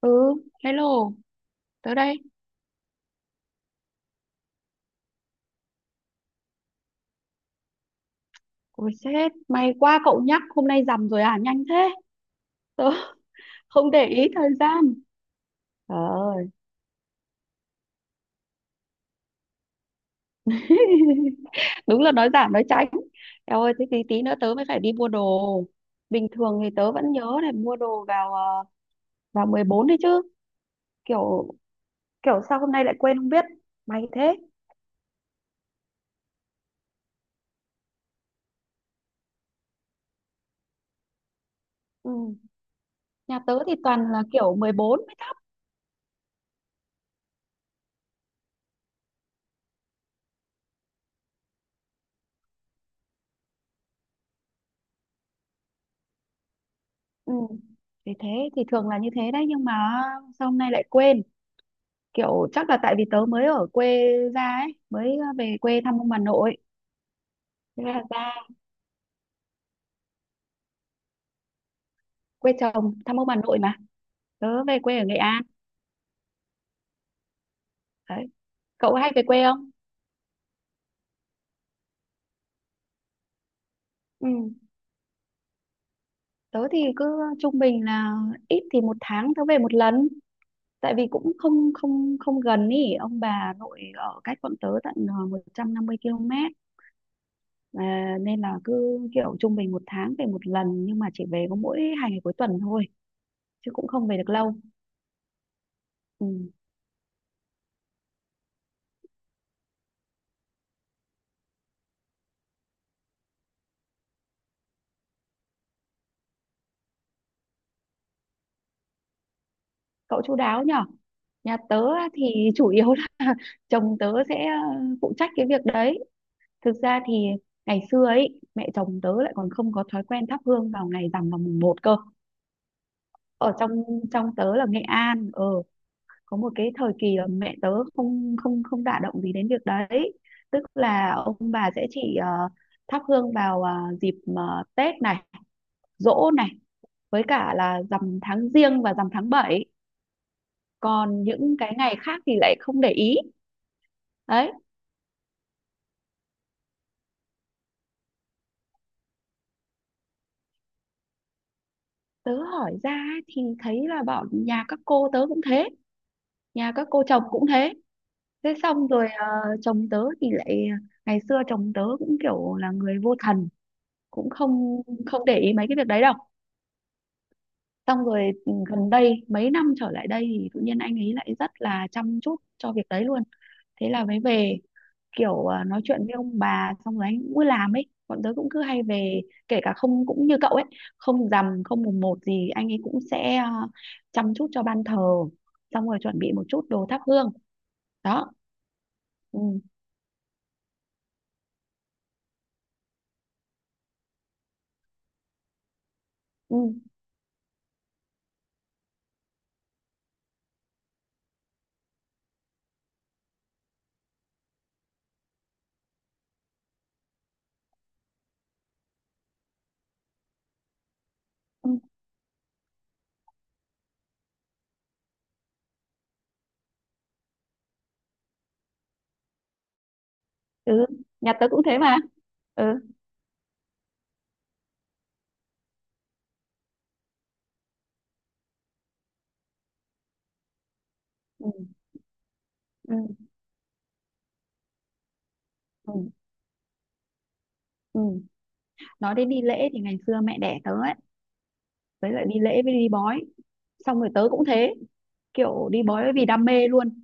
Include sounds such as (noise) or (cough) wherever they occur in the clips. Ừ, hello, tớ đây. Ôi sếp, may quá cậu nhắc, hôm nay rằm rồi à, nhanh thế. Tớ (laughs) không để ý thời gian. Trời ơi, (laughs) đúng là nói giảm nói tránh. Eo ơi, thế tí tí nữa tớ mới phải đi mua đồ. Bình thường thì tớ vẫn nhớ để mua đồ vào 14 đấy chứ. Kiểu kiểu sao hôm nay lại quên không biết. May thế. Ừ, nhà tớ thì toàn là kiểu 14 mới thấp. Ừ. Thì thế, thì thường là như thế đấy, nhưng mà sao hôm nay lại quên. Kiểu chắc là tại vì tớ mới ở quê ra ấy, mới về quê thăm ông bà nội. Thế là ra quê chồng thăm ông bà nội mà, tớ về quê ở Nghệ An đấy. Cậu hay về quê không? Ừ, tớ thì cứ trung bình là ít thì một tháng tớ về một lần, tại vì cũng không không không gần ý, ông bà nội ở cách bọn tớ tận 150 km, à, nên là cứ kiểu trung bình một tháng về một lần, nhưng mà chỉ về có mỗi hai ngày cuối tuần thôi, chứ cũng không về được lâu. Ừ. Cậu chu đáo nhở. Nhà tớ á thì (laughs) chủ yếu là (laughs) chồng tớ sẽ phụ trách cái việc đấy. Thực ra thì ngày xưa ấy mẹ chồng tớ lại còn không có thói quen thắp hương vào ngày rằm, vào mùng một cơ. Ở trong trong tớ là Nghệ An, có một cái thời kỳ là mẹ tớ không không không đả động gì đến việc đấy, tức là ông bà sẽ chỉ thắp hương vào dịp Tết này, giỗ này, với cả là rằm tháng giêng và rằm tháng bảy, còn những cái ngày khác thì lại không để ý. Đấy, tớ hỏi ra ấy, thì thấy là bọn nhà các cô tớ cũng thế, nhà các cô chồng cũng thế. Thế xong rồi chồng tớ thì lại, ngày xưa chồng tớ cũng kiểu là người vô thần, cũng không không để ý mấy cái việc đấy đâu. Xong rồi gần đây mấy năm trở lại đây thì tự nhiên anh ấy lại rất là chăm chút cho việc đấy luôn. Thế là mới về kiểu nói chuyện với ông bà, xong rồi anh cũng cứ làm ấy, bọn tớ cũng cứ hay về. Kể cả không cũng như cậu ấy, không rằm không mùng một gì anh ấy cũng sẽ chăm chút cho ban thờ, xong rồi chuẩn bị một chút đồ thắp hương. Đó. Ừ, ừ, ừ, ừ. Nhà tớ cũng thế mà. Ừ, ừ, ừ, ừ, ừ. Nói đến đi lễ thì ngày xưa mẹ đẻ tớ ấy, với lại đi lễ với đi bói, xong rồi tớ cũng thế, kiểu đi bói vì đam mê luôn.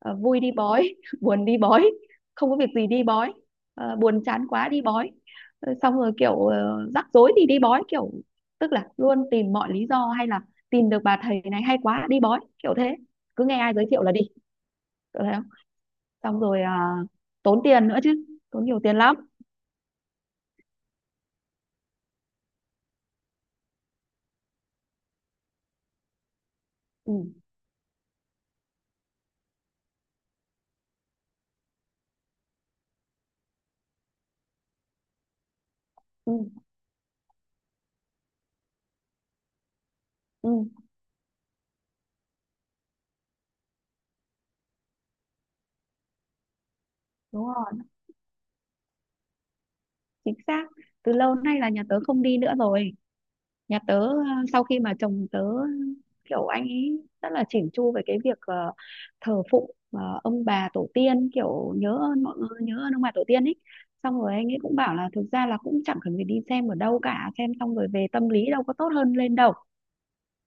Vui đi bói, (laughs) buồn đi bói, không có việc gì đi bói, buồn chán quá đi bói, xong rồi kiểu rắc rối thì đi bói, kiểu tức là luôn tìm mọi lý do, hay là tìm được bà thầy này hay quá đi bói kiểu thế, cứ nghe ai giới thiệu là đi, kiểu thế không. Xong rồi tốn tiền nữa chứ, tốn nhiều tiền lắm. Ừ, ừ, ừ, đúng rồi. Chính xác. Từ lâu nay là nhà tớ không đi nữa rồi. Nhà tớ sau khi mà chồng tớ kiểu anh ấy rất là chỉn chu về cái việc thờ phụng ông bà tổ tiên, kiểu nhớ ơn mọi người, nhớ ơn ông bà tổ tiên ấy, xong rồi anh ấy cũng bảo là thực ra là cũng chẳng cần phải đi xem ở đâu cả, xem xong rồi về tâm lý đâu có tốt hơn lên đâu.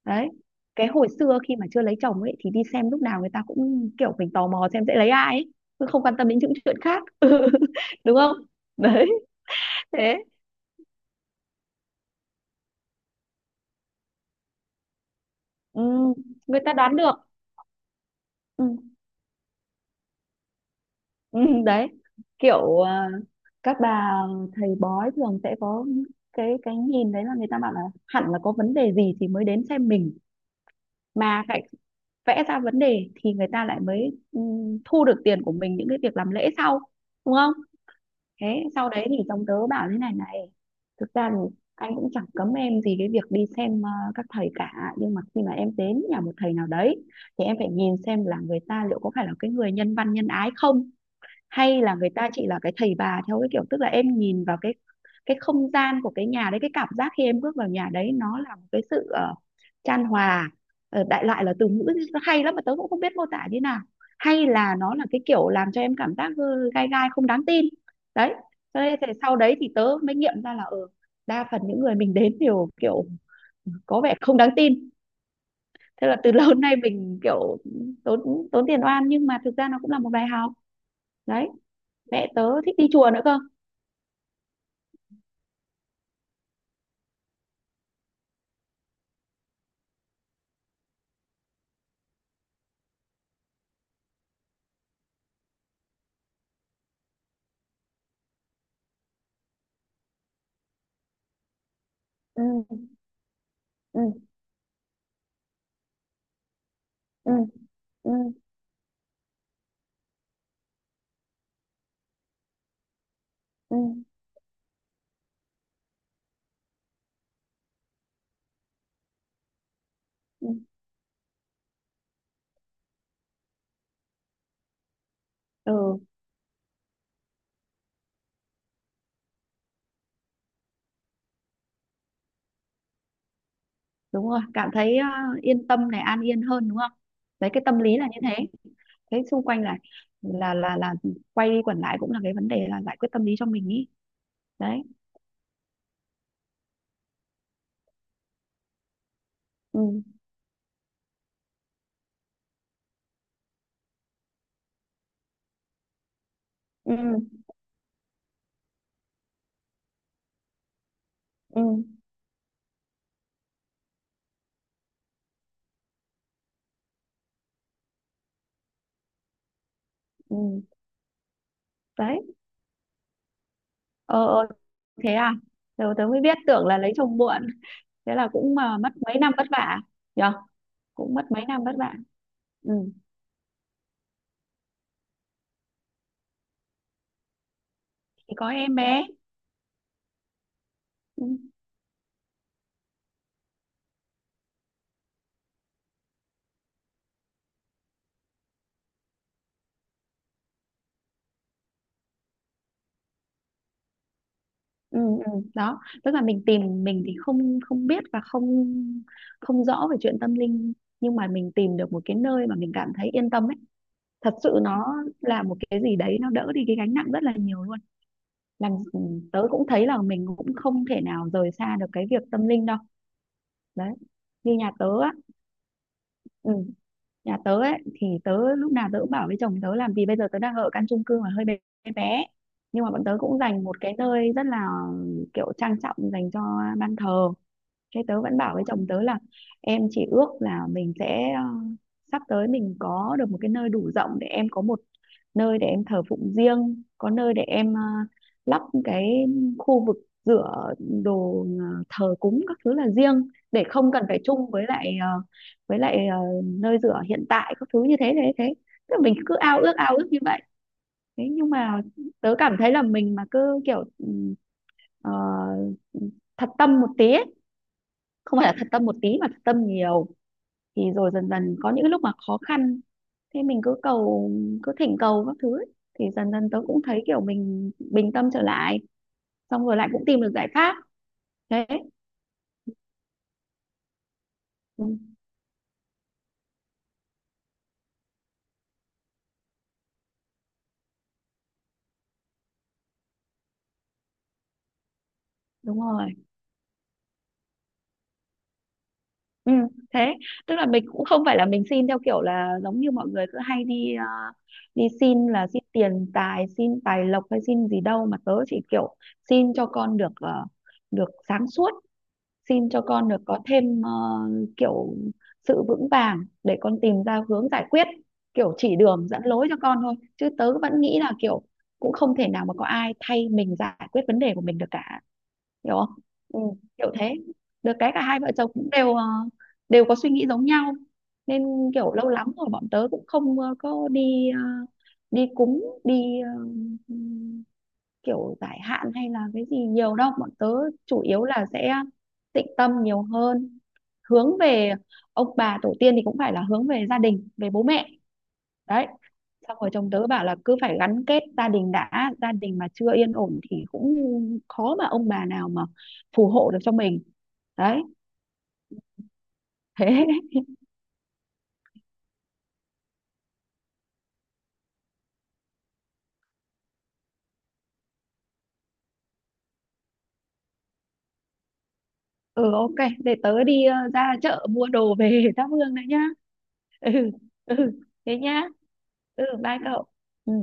Đấy, cái hồi xưa khi mà chưa lấy chồng ấy thì đi xem lúc nào người ta cũng kiểu mình tò mò xem sẽ lấy ai ấy, chứ không quan tâm đến những chuyện khác. (laughs) đúng không? Đấy. Thế ừ, người ta đoán được. Ừ. Ừ, đấy, kiểu các bà thầy bói thường sẽ có cái nhìn đấy, là người ta bảo là hẳn là có vấn đề gì thì mới đến xem mình, mà lại vẽ ra vấn đề thì người ta lại mới thu được tiền của mình những cái việc làm lễ sau. Đúng không? Thế sau đấy thì chồng tớ bảo thế này này, thực ra thì anh cũng chẳng cấm em gì cái việc đi xem các thầy cả, nhưng mà khi mà em đến nhà một thầy nào đấy thì em phải nhìn xem là người ta liệu có phải là cái người nhân văn nhân ái không, hay là người ta chỉ là cái thầy bà theo cái kiểu, tức là em nhìn vào cái không gian của cái nhà đấy, cái cảm giác khi em bước vào nhà đấy nó là một cái sự chan hòa. Đại loại là từ ngữ nó hay lắm mà tớ cũng không biết mô tả như nào, hay là nó là cái kiểu làm cho em cảm giác gai gai, không đáng tin. Đấy. Cho nên thì sau đấy thì tớ mới nghiệm ra là ở đa phần những người mình đến đều kiểu có vẻ không đáng tin. Thế là từ lâu (laughs) đến nay mình kiểu tốn tốn tiền oan, nhưng mà thực ra nó cũng là một bài học. Đấy. Mẹ tớ thích đi chùa nữa cơ. Ừ, ừ, ừ, ừ, ừ, ừ, ừ. Đúng rồi, cảm thấy yên tâm này, an yên hơn, đúng không? Đấy, cái tâm lý là như thế. Thế xung quanh là là quay đi quẩn lại cũng là cái vấn đề là giải quyết tâm lý cho mình ý. Đấy. Ừ, ừ, ừ, ừ. Đấy. ờ ờ, Thế à? Tớ tớ mới biết, tưởng là lấy chồng muộn. Thế là cũng mà mất mấy năm vất vả nhở. Cũng mất mấy năm vất vả. Ừ, thì có em bé. Ừ. Ừ, ừ, đó tức là mình tìm, mình thì không không biết và không không rõ về chuyện tâm linh, nhưng mà mình tìm được một cái nơi mà mình cảm thấy yên tâm ấy. Thật sự nó là một cái gì đấy, nó đỡ đi cái gánh nặng rất là nhiều luôn. Làm tớ cũng thấy là mình cũng không thể nào rời xa được cái việc tâm linh đâu. Đấy, như nhà tớ á. Ừ, nhà tớ ấy thì tớ lúc nào tớ cũng bảo với chồng tớ làm, vì bây giờ tớ đang ở căn chung cư mà hơi bé bé, nhưng mà bọn tớ cũng dành một cái nơi rất là kiểu trang trọng dành cho ban thờ. Thế tớ vẫn bảo với chồng tớ là em chỉ ước là mình sẽ sắp tới mình có được một cái nơi đủ rộng để em có một nơi để em thờ phụng riêng, có nơi để em lắp cái khu vực rửa đồ thờ cúng các thứ là riêng, để không cần phải chung với lại với lại nơi rửa hiện tại các thứ, như thế thế thế. Tức là mình cứ ao ước như vậy. Thế nhưng mà tớ cảm thấy là mình mà cứ kiểu ờ, thật tâm một tí ấy, không phải là thật tâm một tí mà thật tâm nhiều, thì rồi dần dần có những lúc mà khó khăn, thế mình cứ thỉnh cầu các thứ ấy, thì dần dần tớ cũng thấy kiểu mình bình tâm trở lại, xong rồi lại cũng tìm được giải pháp. Thế. Ừ, đúng rồi. Ừ, thế tức là mình cũng không phải là mình xin theo kiểu là giống như mọi người cứ hay đi xin, là xin tiền tài, xin tài lộc hay xin gì đâu, mà tớ chỉ kiểu xin cho con được được sáng suốt, xin cho con được có thêm kiểu sự vững vàng để con tìm ra hướng giải quyết, kiểu chỉ đường dẫn lối cho con thôi, chứ tớ vẫn nghĩ là kiểu cũng không thể nào mà có ai thay mình giải quyết vấn đề của mình được cả. Hiểu không? Ừ, kiểu thế. Được cái cả hai vợ chồng cũng đều đều có suy nghĩ giống nhau, nên kiểu lâu lắm rồi bọn tớ cũng không ờ, có đi ờ, đi ờ, kiểu giải hạn hay là cái gì nhiều đâu, bọn tớ chủ yếu là sẽ tịnh tâm nhiều hơn, hướng về ông bà tổ tiên, thì cũng phải là hướng về gia đình, về bố mẹ. Đấy, xong rồi chồng tớ bảo là cứ phải gắn kết gia đình đã, gia đình mà chưa yên ổn thì cũng khó mà ông bà nào mà phù hộ được cho mình. Đấy. Thế. (laughs) Ừ, ok, để tớ đi ra chợ mua đồ về (laughs) thắp hương đấy nhá. Ừ, ừ, thế nhá. Ừ, bye cậu. Ừ.